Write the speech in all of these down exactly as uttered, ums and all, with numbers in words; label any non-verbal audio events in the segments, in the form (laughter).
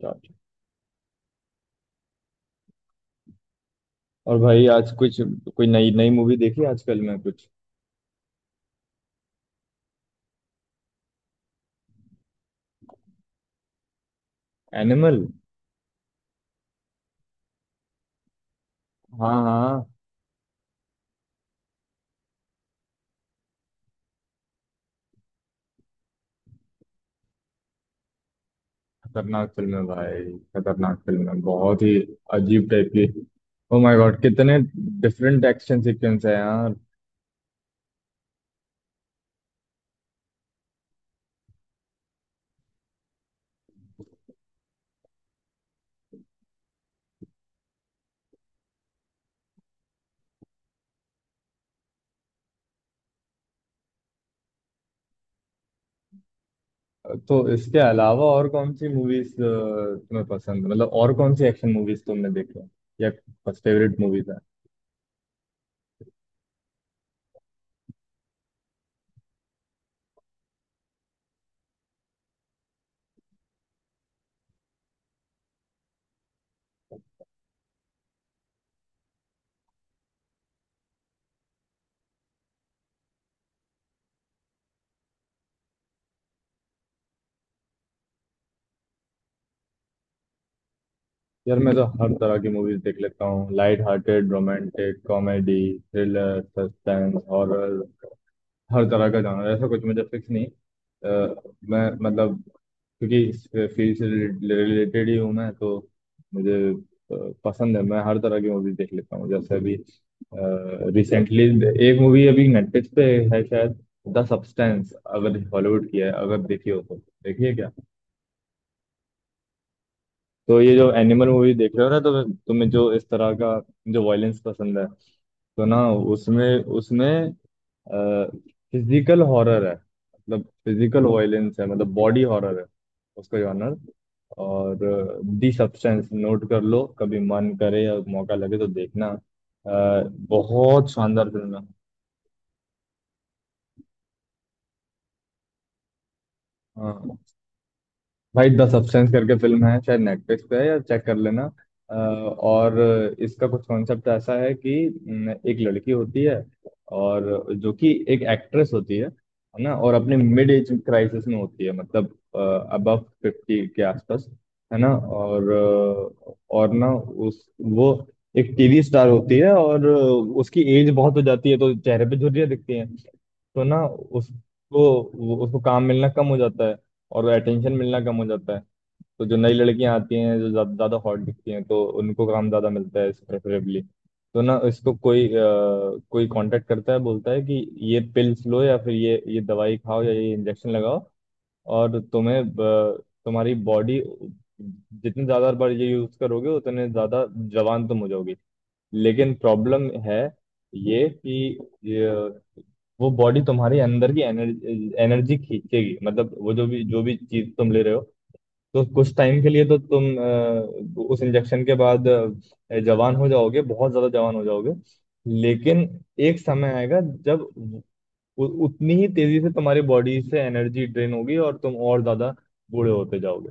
Gotcha। और भाई आज कुछ, कोई नई नई मूवी देखी आजकल में कुछ? एनिमल। हाँ हाँ। खतरनाक फिल्म है भाई। खतरनाक फिल्म है बहुत ही। अजीब टाइप की। ओ माय गॉड, कितने डिफरेंट एक्शन सीक्वेंस है यार। तो इसके अलावा और कौन सी मूवीज तुम्हें पसंद, मतलब और कौन सी एक्शन मूवीज तुमने देखी है, या फर्स्ट फेवरेट मूवीज है? यार मैं तो हर तरह की मूवीज देख लेता हूँ। Light hearted, romantic, comedy, thriller, suspense, horror, हर तरह का जॉनर। ऐसा कुछ मुझे फिक्स नहीं। अ, मैं मतलब, क्योंकि इस फील्ड से रिलेटेड ही हूँ मैं तो मुझे अ, पसंद है। मैं हर तरह की मूवीज देख लेता हूँ। जैसे अभी रिसेंटली एक मूवी अभी नेटफ्लिक्स पे है शायद, द सब्सटेंस, अगर हॉलीवुड की है, अगर देखी हो तो देखिए। तो ये जो एनिमल मूवी देख रहे हो ना, तो तुम्हें जो इस तरह का जो वायलेंस पसंद है तो ना, उसमें उसमें फिजिकल हॉरर है, मतलब फिजिकल वायलेंस है, मतलब बॉडी हॉरर है उसका जॉनर। और दी सब्सटेंस नोट कर लो, कभी मन करे या मौका लगे तो देखना। अ, बहुत शानदार फिल्म है। हाँ भाई, द सब्सटेंस करके फिल्म है, शायद नेटफ्लिक्स पे है या चेक कर लेना। अ, और इसका कुछ कॉन्सेप्ट ऐसा है कि न, एक लड़की होती है और जो कि एक एक्ट्रेस होती है है ना, और अपने मिड एज क्राइसिस में होती है, मतलब अबव फिफ्टी के आसपास, है ना। और अ, और ना उस वो एक टीवी स्टार होती है और उसकी एज बहुत हो जाती है तो चेहरे पे झुर्रियाँ दिखती हैं। तो ना उसको वो- उसको काम मिलना कम हो जाता है और अटेंशन मिलना कम हो जाता है। तो जो नई लड़कियां आती हैं जो ज्यादा ज्यादा हॉट दिखती हैं तो उनको काम ज्यादा मिलता है प्रेफरेबली। तो ना इसको कोई अ, कोई कांटेक्ट करता है, बोलता है कि ये पिल्स लो या फिर ये ये दवाई खाओ या ये इंजेक्शन लगाओ और तुम्हें ब- तुम्हारी बॉडी जितने ज्यादा बार ये यूज करोगे उतने ज्यादा जवान तुम हो जाओगी। लेकिन प्रॉब्लम है ये कि ये, वो बॉडी तुम्हारे अंदर की एनर्जी एनर्जी खींचेगी, मतलब वो जो भी जो भी चीज तुम ले रहे हो। तो कुछ टाइम के लिए तो तुम अ, उस इंजेक्शन के बाद अ, जवान हो जाओगे, बहुत ज्यादा जवान हो जाओगे। लेकिन एक समय आएगा जब उ, उतनी ही तेजी से तुम्हारी बॉडी से एनर्जी ड्रेन होगी और तुम और ज्यादा बूढ़े होते जाओगे।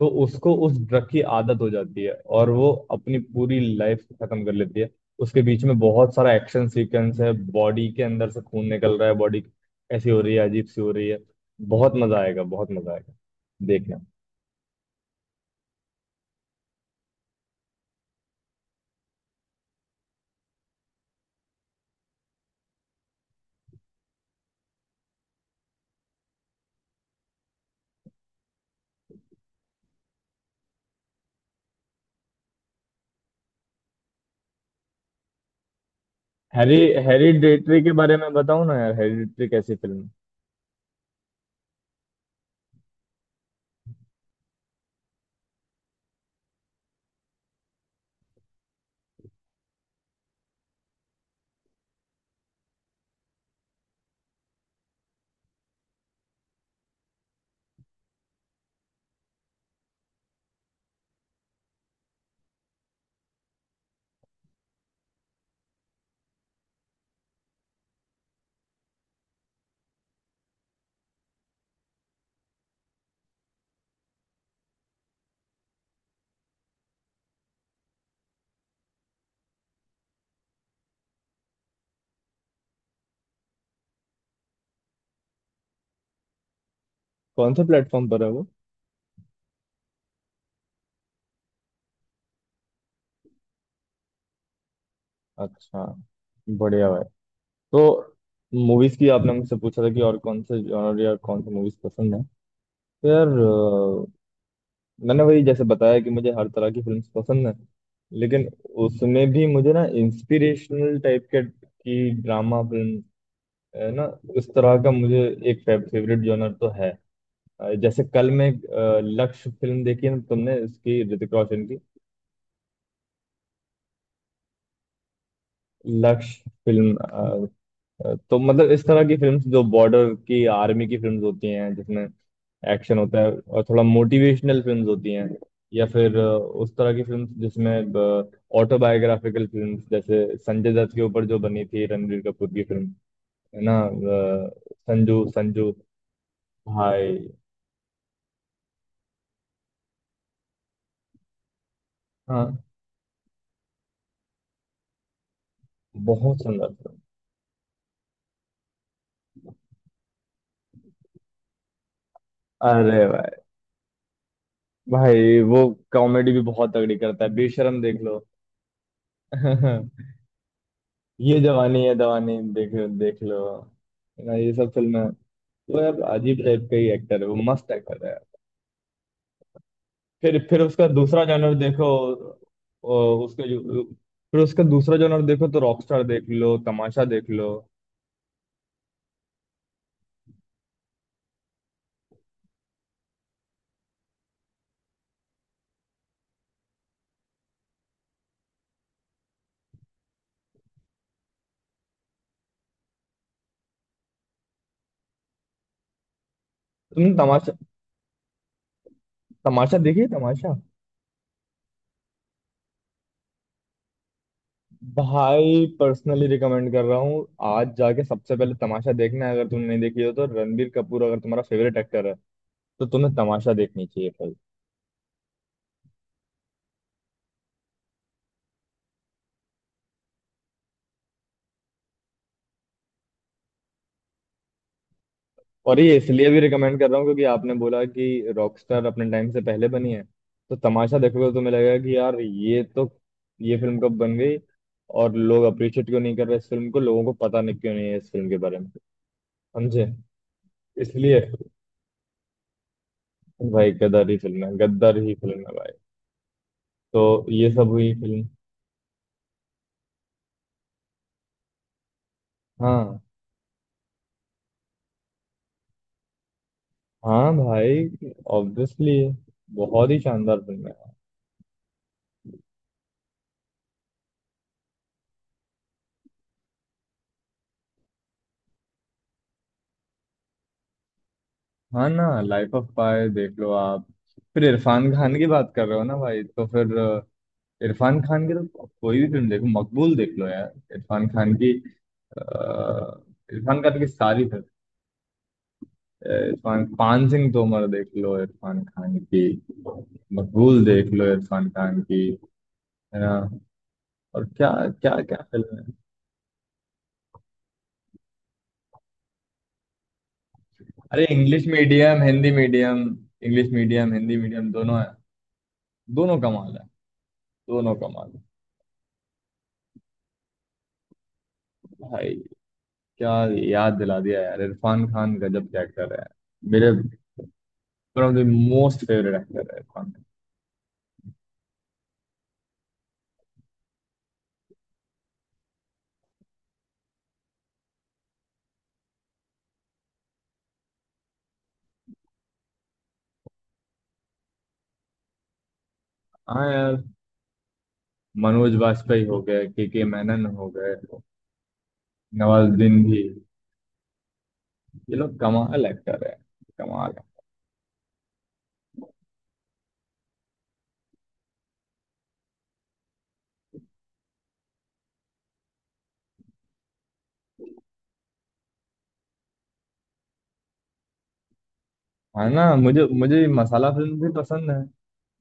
तो उसको उस ड्रग की आदत हो जाती है और वो अपनी पूरी लाइफ खत्म कर लेती है। उसके बीच में बहुत सारा एक्शन सीक्वेंस है। बॉडी के अंदर से खून निकल रहा है, बॉडी ऐसी हो रही है, अजीब सी हो रही है। बहुत मजा आएगा, बहुत मजा आएगा, देखना। हैरी, हेरिडेटरी के बारे में बताओ ना यार, हेरिडेटरी कैसी फिल्म है? कौन से प्लेटफॉर्म पर है वो? अच्छा, बढ़िया भाई। तो मूवीज की आपने मुझसे पूछा था कि और कौन से जॉनर या कौन से मूवीज पसंद है, तो यार अ, मैंने वही जैसे बताया कि मुझे हर तरह की फिल्म्स पसंद है। लेकिन उसमें भी मुझे ना इंस्पिरेशनल टाइप के की ड्रामा फिल्म, है ना, उस तरह का मुझे एक फेवरेट जॉनर तो है। अ, जैसे कल मैं अ, लक्ष्य फिल्म देखी ना तुमने, इसकी ऋतिक रोशन की लक्ष्य फिल्म। अ, तो मतलब इस तरह की फिल्म्स जो बॉर्डर की, आर्मी की फिल्म्स होती हैं जिसमें एक्शन होता है और थोड़ा मोटिवेशनल फिल्म्स होती हैं। या फिर अ, उस तरह की फिल्म्स जिसमें ऑटोबायोग्राफिकल फिल्म्स, जैसे संजय दत्त के ऊपर जो बनी थी रणबीर कपूर की फिल्म, है ना, अ, संजू, संजू भाई। हाँ, बहुत सुंदर फिल्म। अरे भाई, भाई वो कॉमेडी भी बहुत तगड़ी करता है, बेशरम देख लो। (laughs) ये जवानी है दवानी देख, देख लो ना, ये सब फिल्में। वो यार अजीब टाइप का ही एक्टर है, वो मस्त एक्टर है। फिर फिर उसका दूसरा जॉनर देखो। ओ, उसका जो फिर उसका दूसरा जॉनर देखो तो रॉकस्टार देख लो, तमाशा देख लो। तुमने तमाशा, तमाशा देखी है तमाशा? भाई पर्सनली रिकमेंड कर रहा हूँ। आज जाके सबसे पहले तमाशा देखना है, अगर तुमने नहीं देखी हो तो। रणबीर कपूर अगर तुम्हारा फेवरेट एक्टर है तो तुम्हें तमाशा देखनी चाहिए। और ये इसलिए भी रिकमेंड कर रहा हूँ क्योंकि आपने बोला कि रॉकस्टार अपने टाइम से पहले बनी है। तो तमाशा देखोगे तो तुम्हें लगेगा कि यार ये तो, ये फिल्म कब बन गई, और लोग अप्रिशिएट क्यों नहीं कर रहे इस फिल्म को, लोगों को पता नहीं क्यों नहीं है इस फिल्म के बारे में, समझे? इसलिए भाई गदर ही फिल्म है, गद्दार ही फिल्म है भाई। तो ये सब हुई फिल्म। हाँ हाँ भाई, ऑब्वियसली, बहुत ही शानदार फिल्म है। हाँ ना, लाइफ ऑफ पाई देख लो आप। फिर इरफान खान की बात कर रहे हो ना भाई, तो फिर इरफान खान की तो कोई भी फिल्म देखो, मकबूल देख लो यार इरफान खान की। अ, इरफान खान की सारी फिल्म। अ, इरफान, पान सिंह तोमर देख लो इरफान खान की, मकबूल देख लो इरफान खान की, है ना। और क्या? क्या क्या फिल्म है? अरे English medium, Hindi medium. English medium Hindi medium दोनों है, दोनों कमाल है, दोनों कमाल है भाई। क्या याद दिला दिया यार, इरफान खान गजब के एक्टर है मेरे one of the most favourite actor है इरफान खान। हाँ यार, मनोज वाजपेयी हो गए, के के मेनन हो गए, नवाजुद्दीन भी, ये लोग कमाल एक्टर है, कमाल। है ना, मुझे मुझे मसाला फिल्म भी पसंद है,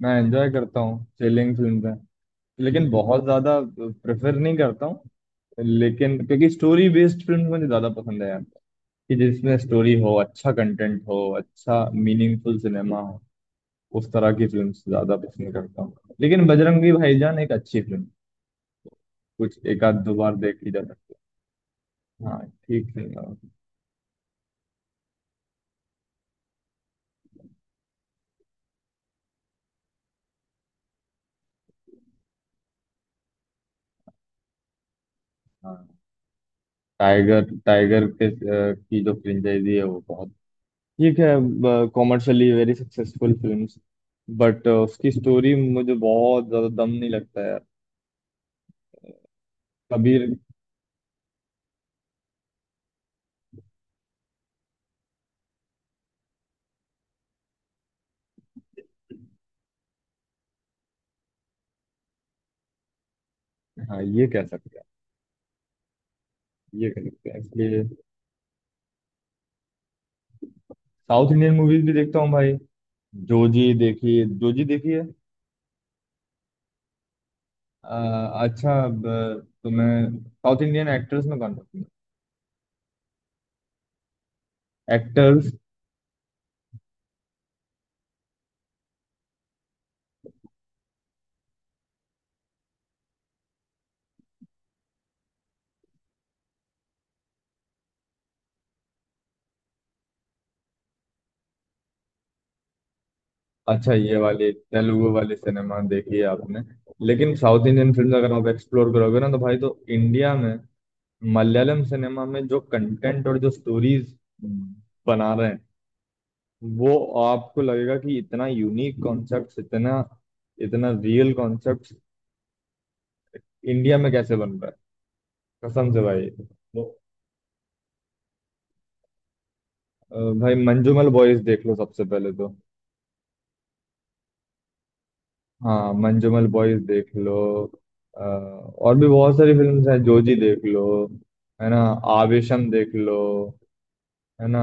मैं एंजॉय करता हूँ। चिलिंग फिल्म है, लेकिन बहुत ज्यादा प्रेफर नहीं करता हूँ। लेकिन क्योंकि स्टोरी बेस्ड फिल्म मुझे ज्यादा पसंद है यार, कि जिसमें स्टोरी हो, अच्छा कंटेंट हो, अच्छा मीनिंगफुल सिनेमा हो, उस तरह की फिल्म ज्यादा पसंद करता हूँ। लेकिन बजरंगी भाईजान एक अच्छी फिल्म, कुछ एक आध दो बार देख ली जा सकती है। हाँ, ठीक है। हाँ, टाइगर, टाइगर के अ, की जो फ्रेंचाइजी है वो बहुत ठीक है, commercially very successful films. But उसकी स्टोरी मुझे बहुत ज्यादा दम नहीं लगता है। कबीर। हाँ, ये कह सकते हैं, ये कह सकते हैं इसलिए। साउथ इंडियन मूवीज भी देखता हूँ भाई। जोजी देखी, जोजी देखी है? अ, अच्छा, ब- तुम्हें साउथ इंडियन एक्टर्स में कौन पसंद है? एक्टर्स। अच्छा, ये वाली तेलुगु वाली सिनेमा देखी है आपने। लेकिन साउथ इंडियन फिल्म अगर आप एक्सप्लोर करोगे ना तो भाई, तो इंडिया में मलयालम सिनेमा में जो कंटेंट और जो स्टोरीज बना रहे हैं, वो आपको लगेगा कि इतना यूनिक कॉन्सेप्ट, इतना इतना रियल कॉन्सेप्ट इंडिया में कैसे बन रहा है। कसम से भाई। वो, अ, भाई मंजूमल बॉयज देख लो सबसे पहले तो। हाँ, मंजूमल बॉयज देख लो। अ, और भी बहुत सारी फिल्म्स हैं। जोजी देख लो, है ना, आवेशम देख लो, है ना।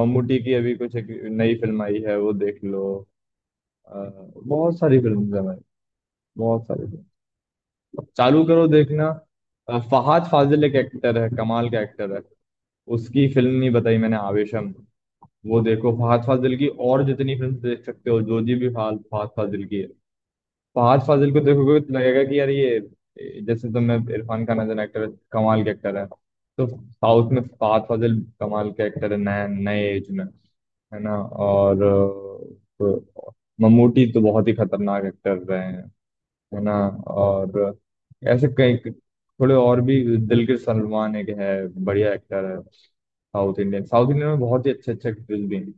मम्मूटी की अभी कुछ एक नई फिल्म आई है वो देख लो। अ, बहुत सारी फिल्म्स हैं भाई, बहुत सारी फिल्म, चालू करो देखना। अ, फहाद फाजिल एक एक्टर है, कमाल का एक्टर है। उसकी फिल्म नहीं बताई मैंने, आवेशम, वो देखो फहाद फाजिल की, और जितनी फिल्म देख सकते हो। जोजी भी फहाद फहाद फाजिल की है। फहाद फाजिल को देखोगे तो लगेगा कि यार ये, जैसे तुमने Irfan Khan as an actor, कमाल के एक्टर है, तो साउथ में फहाद फाजिल कमाल के एक्टर है नए नए एज में, है ना। और अ, तो ममूटी तो बहुत ही खतरनाक एक्टर रहे हैं, है ना। और ऐसे कई थोड़े और भी, दिलकर सलमान एक है, बढ़िया एक्टर है। साउथ इंडियन साउथ इंडियन में बहुत ही अच्छे अच्छे एक्टर्स भी हैं।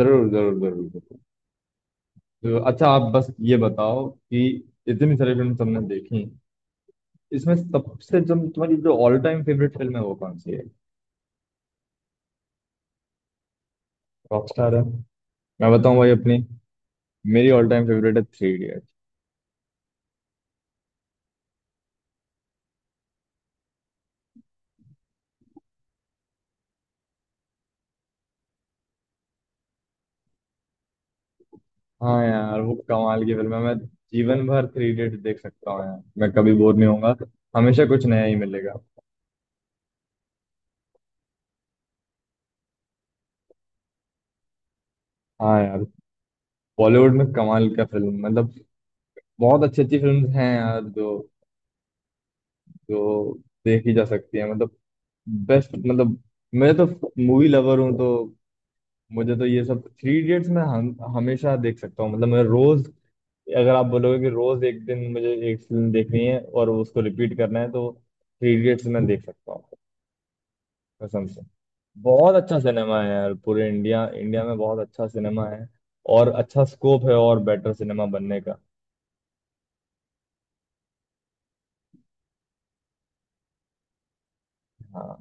जरूर जरूर जरूर जरूर। तो अच्छा आप बस ये बताओ कि इतनी सारी फिल्म तुमने देखी, इसमें सबसे जो तुम्हारी जो ऑल टाइम फेवरेट फिल्म है वो कौन सी है? रॉकस्टार है। मैं बताऊं भाई अपनी, मेरी ऑल टाइम फेवरेट है थ्री इडियट। हाँ यार वो कमाल की फिल्म है। मैं जीवन भर थ्री इडियट देख सकता हूँ यार, मैं कभी बोर नहीं होऊंगा, हमेशा कुछ नया ही मिलेगा। हाँ यार, बॉलीवुड में कमाल का फिल्म, मतलब बहुत अच्छी अच्छी फिल्म हैं यार, जो जो देखी जा सकती है, मतलब बेस्ट। मतलब मैं तो मूवी लवर हूँ, तो मुझे तो ये सब थ्री इडियट्स मैं हम, हमेशा देख सकता हूँ। मतलब मैं रोज, अगर आप बोलोगे कि रोज एक दिन मुझे एक फिल्म देखनी है और उसको रिपीट करना है तो थ्री इडियट्स मैं देख सकता हूँ। कसम से, बहुत अच्छा सिनेमा है यार। पूरे इंडिया इंडिया में बहुत अच्छा सिनेमा है और अच्छा स्कोप है और बेटर सिनेमा बनने का। हाँ